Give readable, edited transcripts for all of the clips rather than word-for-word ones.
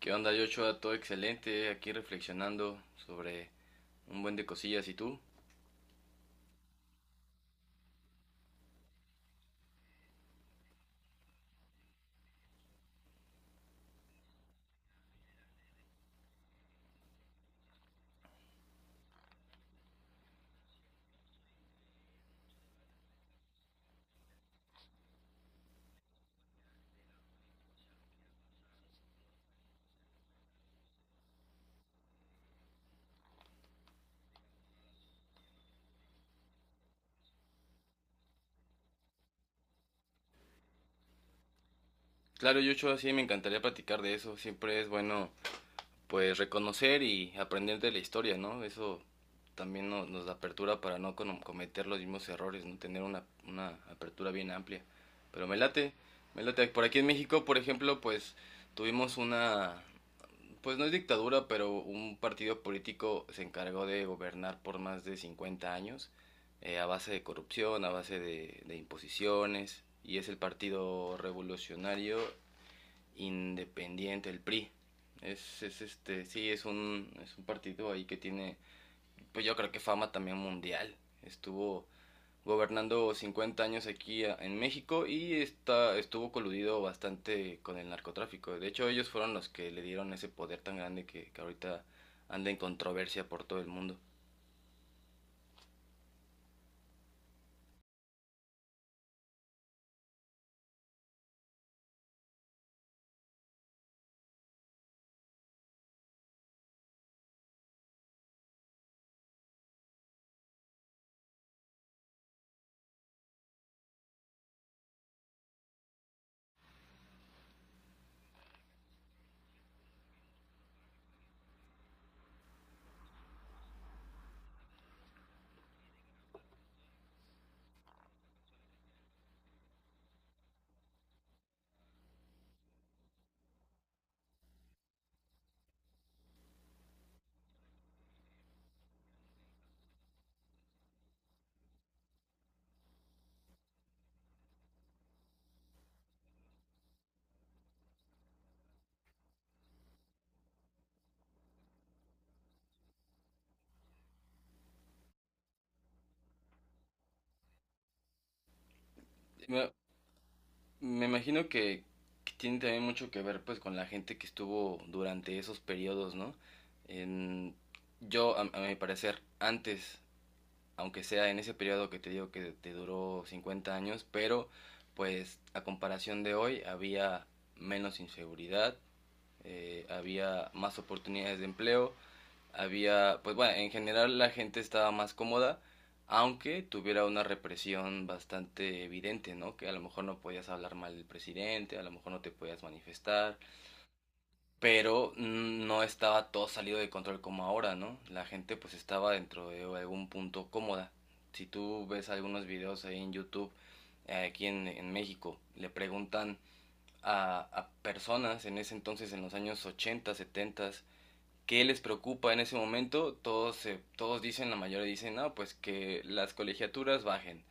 ¿Qué onda, Joshua? Todo excelente, aquí reflexionando sobre un buen de cosillas. ¿Y tú? Claro, Joshua, sí, me encantaría platicar de eso. Siempre es bueno, pues, reconocer y aprender de la historia, ¿no? Eso también nos da apertura para no cono- cometer los mismos errores, ¿no? Tener una apertura bien amplia. Pero Me late. Por aquí en México, por ejemplo, pues, tuvimos una, pues no es dictadura, pero un partido político se encargó de gobernar por más de 50 años a base de corrupción, a base de imposiciones, y es el Partido Revolucionario Independiente, el PRI. Es este, sí, es un partido ahí que tiene, pues yo creo que fama también mundial. Estuvo gobernando 50 años aquí en México y estuvo coludido bastante con el narcotráfico. De hecho, ellos fueron los que le dieron ese poder tan grande que ahorita anda en controversia por todo el mundo. Me, me imagino que tiene también mucho que ver pues con la gente que estuvo durante esos periodos, ¿no? En, a mi parecer, antes aunque sea en ese periodo que te digo que te duró 50 años, pero pues a comparación de hoy había menos inseguridad, había más oportunidades de empleo, había, pues bueno, en general la gente estaba más cómoda, aunque tuviera una represión bastante evidente, ¿no? Que a lo mejor no podías hablar mal del presidente, a lo mejor no te podías manifestar, pero no estaba todo salido de control como ahora, ¿no? La gente pues estaba dentro de algún punto cómoda. Si tú ves algunos videos ahí en YouTube, aquí en México, le preguntan a personas en ese entonces, en los años 80, 70, ¿qué les preocupa en ese momento? Todos dicen, la mayoría dicen, no, pues que las colegiaturas bajen,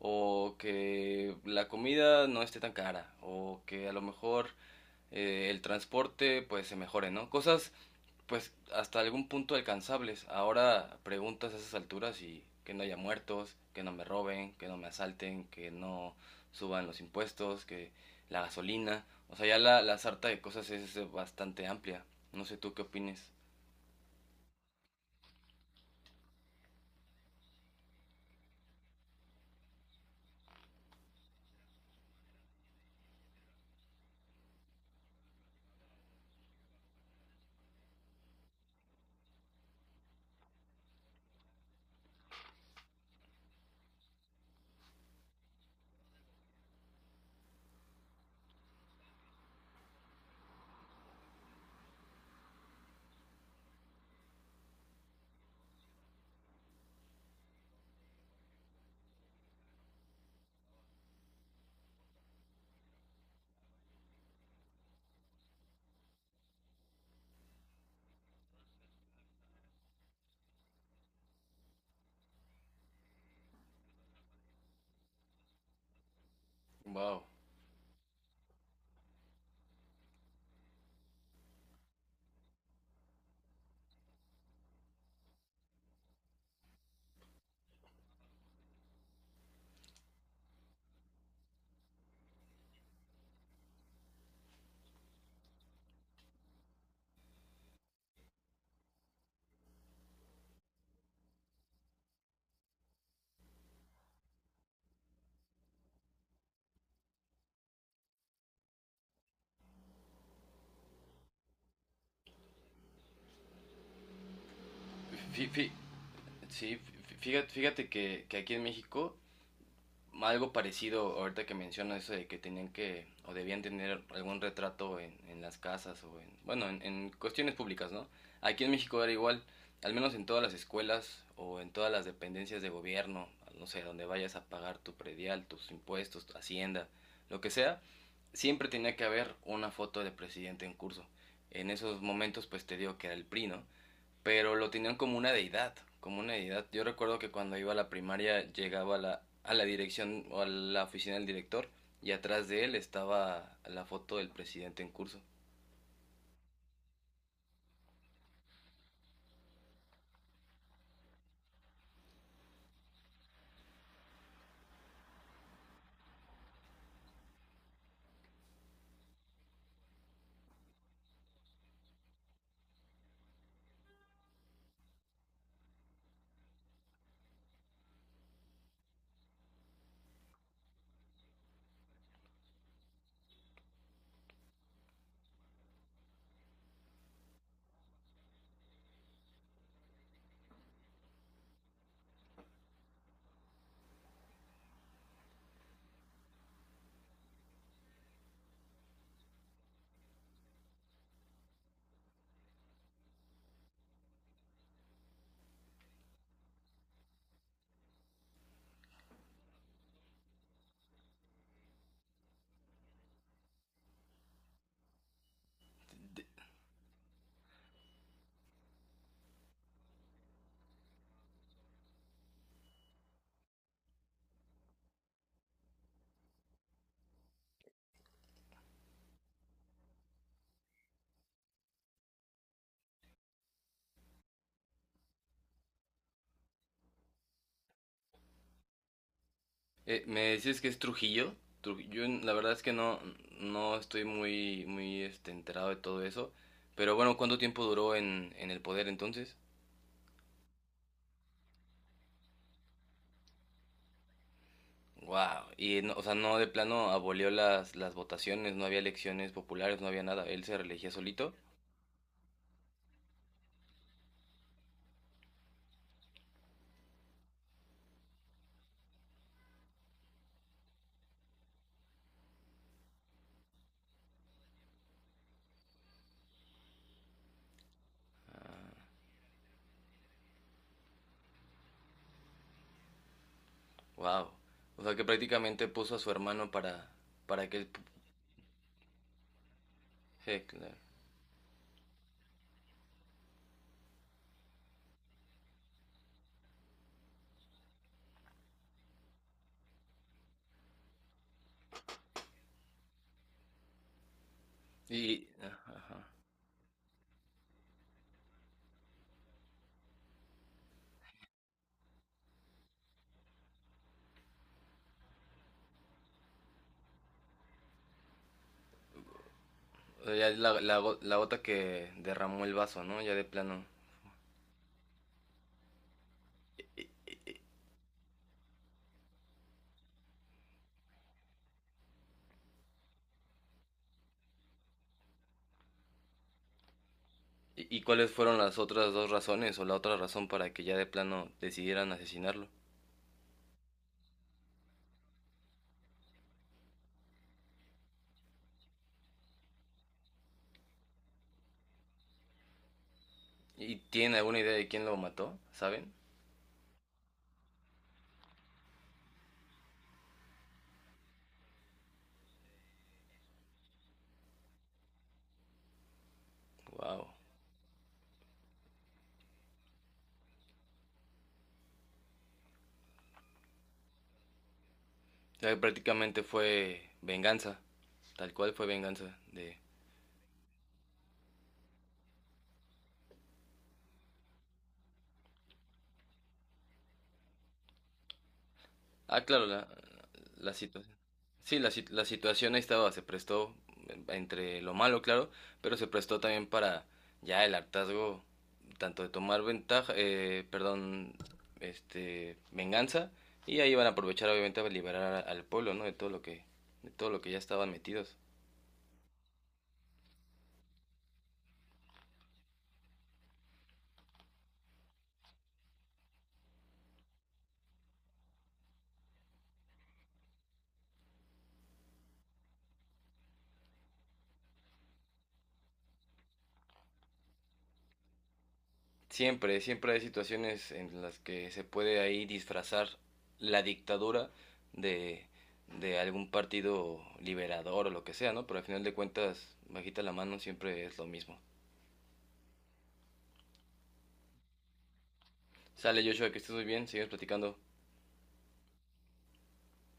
o que la comida no esté tan cara, o que a lo mejor el transporte pues se mejore, ¿no? Cosas pues hasta algún punto alcanzables. Ahora preguntas a esas alturas y que no haya muertos, que no me roben, que no me asalten, que no suban los impuestos, que la gasolina, o sea, ya la sarta de cosas es bastante amplia. No sé tú qué opines. Wow. Fí- fí- Sí, fíjate que aquí en México algo parecido ahorita que mencionas eso de que tenían que o debían tener algún retrato en las casas o en, bueno, en cuestiones públicas, ¿no? Aquí en México era igual, al menos en todas las escuelas o en todas las dependencias de gobierno, no sé, donde vayas a pagar tu predial, tus impuestos, tu hacienda, lo que sea, siempre tenía que haber una foto de presidente en curso. En esos momentos pues te digo que era el PRI, ¿no? Pero lo tenían como una deidad, como una deidad. Yo recuerdo que cuando iba a la primaria llegaba a a la dirección o a la oficina del director y atrás de él estaba la foto del presidente en curso. ¿Me dices que es Trujillo? Trujillo, la verdad es que no, no estoy muy este, enterado de todo eso. Pero bueno, ¿cuánto tiempo duró en el poder entonces? Wow, o sea, no de plano abolió las votaciones, no había elecciones populares, no había nada, él se reelegía solito. Wow. O sea que prácticamente puso a su hermano para que claro. Ajá. O sea, ya es la gota que derramó el vaso, ¿no? Ya de plano. Y cuáles fueron las otras dos razones o la otra razón para que ya de plano decidieran asesinarlo? ¿Y tienen alguna idea de quién lo mató? ¿Saben? Wow. O sea que prácticamente fue venganza. Tal cual fue venganza de, ah, claro, la situación. Sí, la situación ahí estaba, se prestó entre lo malo, claro, pero se prestó también para ya el hartazgo, tanto de tomar ventaja, perdón, este, venganza, y ahí van a aprovechar obviamente a al pueblo, ¿no? De todo lo que, de todo lo que ya estaban metidos. Siempre, siempre hay situaciones en las que se puede ahí disfrazar la dictadura de, de algún partido liberador o lo que sea, ¿no? Pero al final de cuentas, bajita la mano, siempre es lo mismo. Sale Joshua, que estés muy bien, sigues platicando.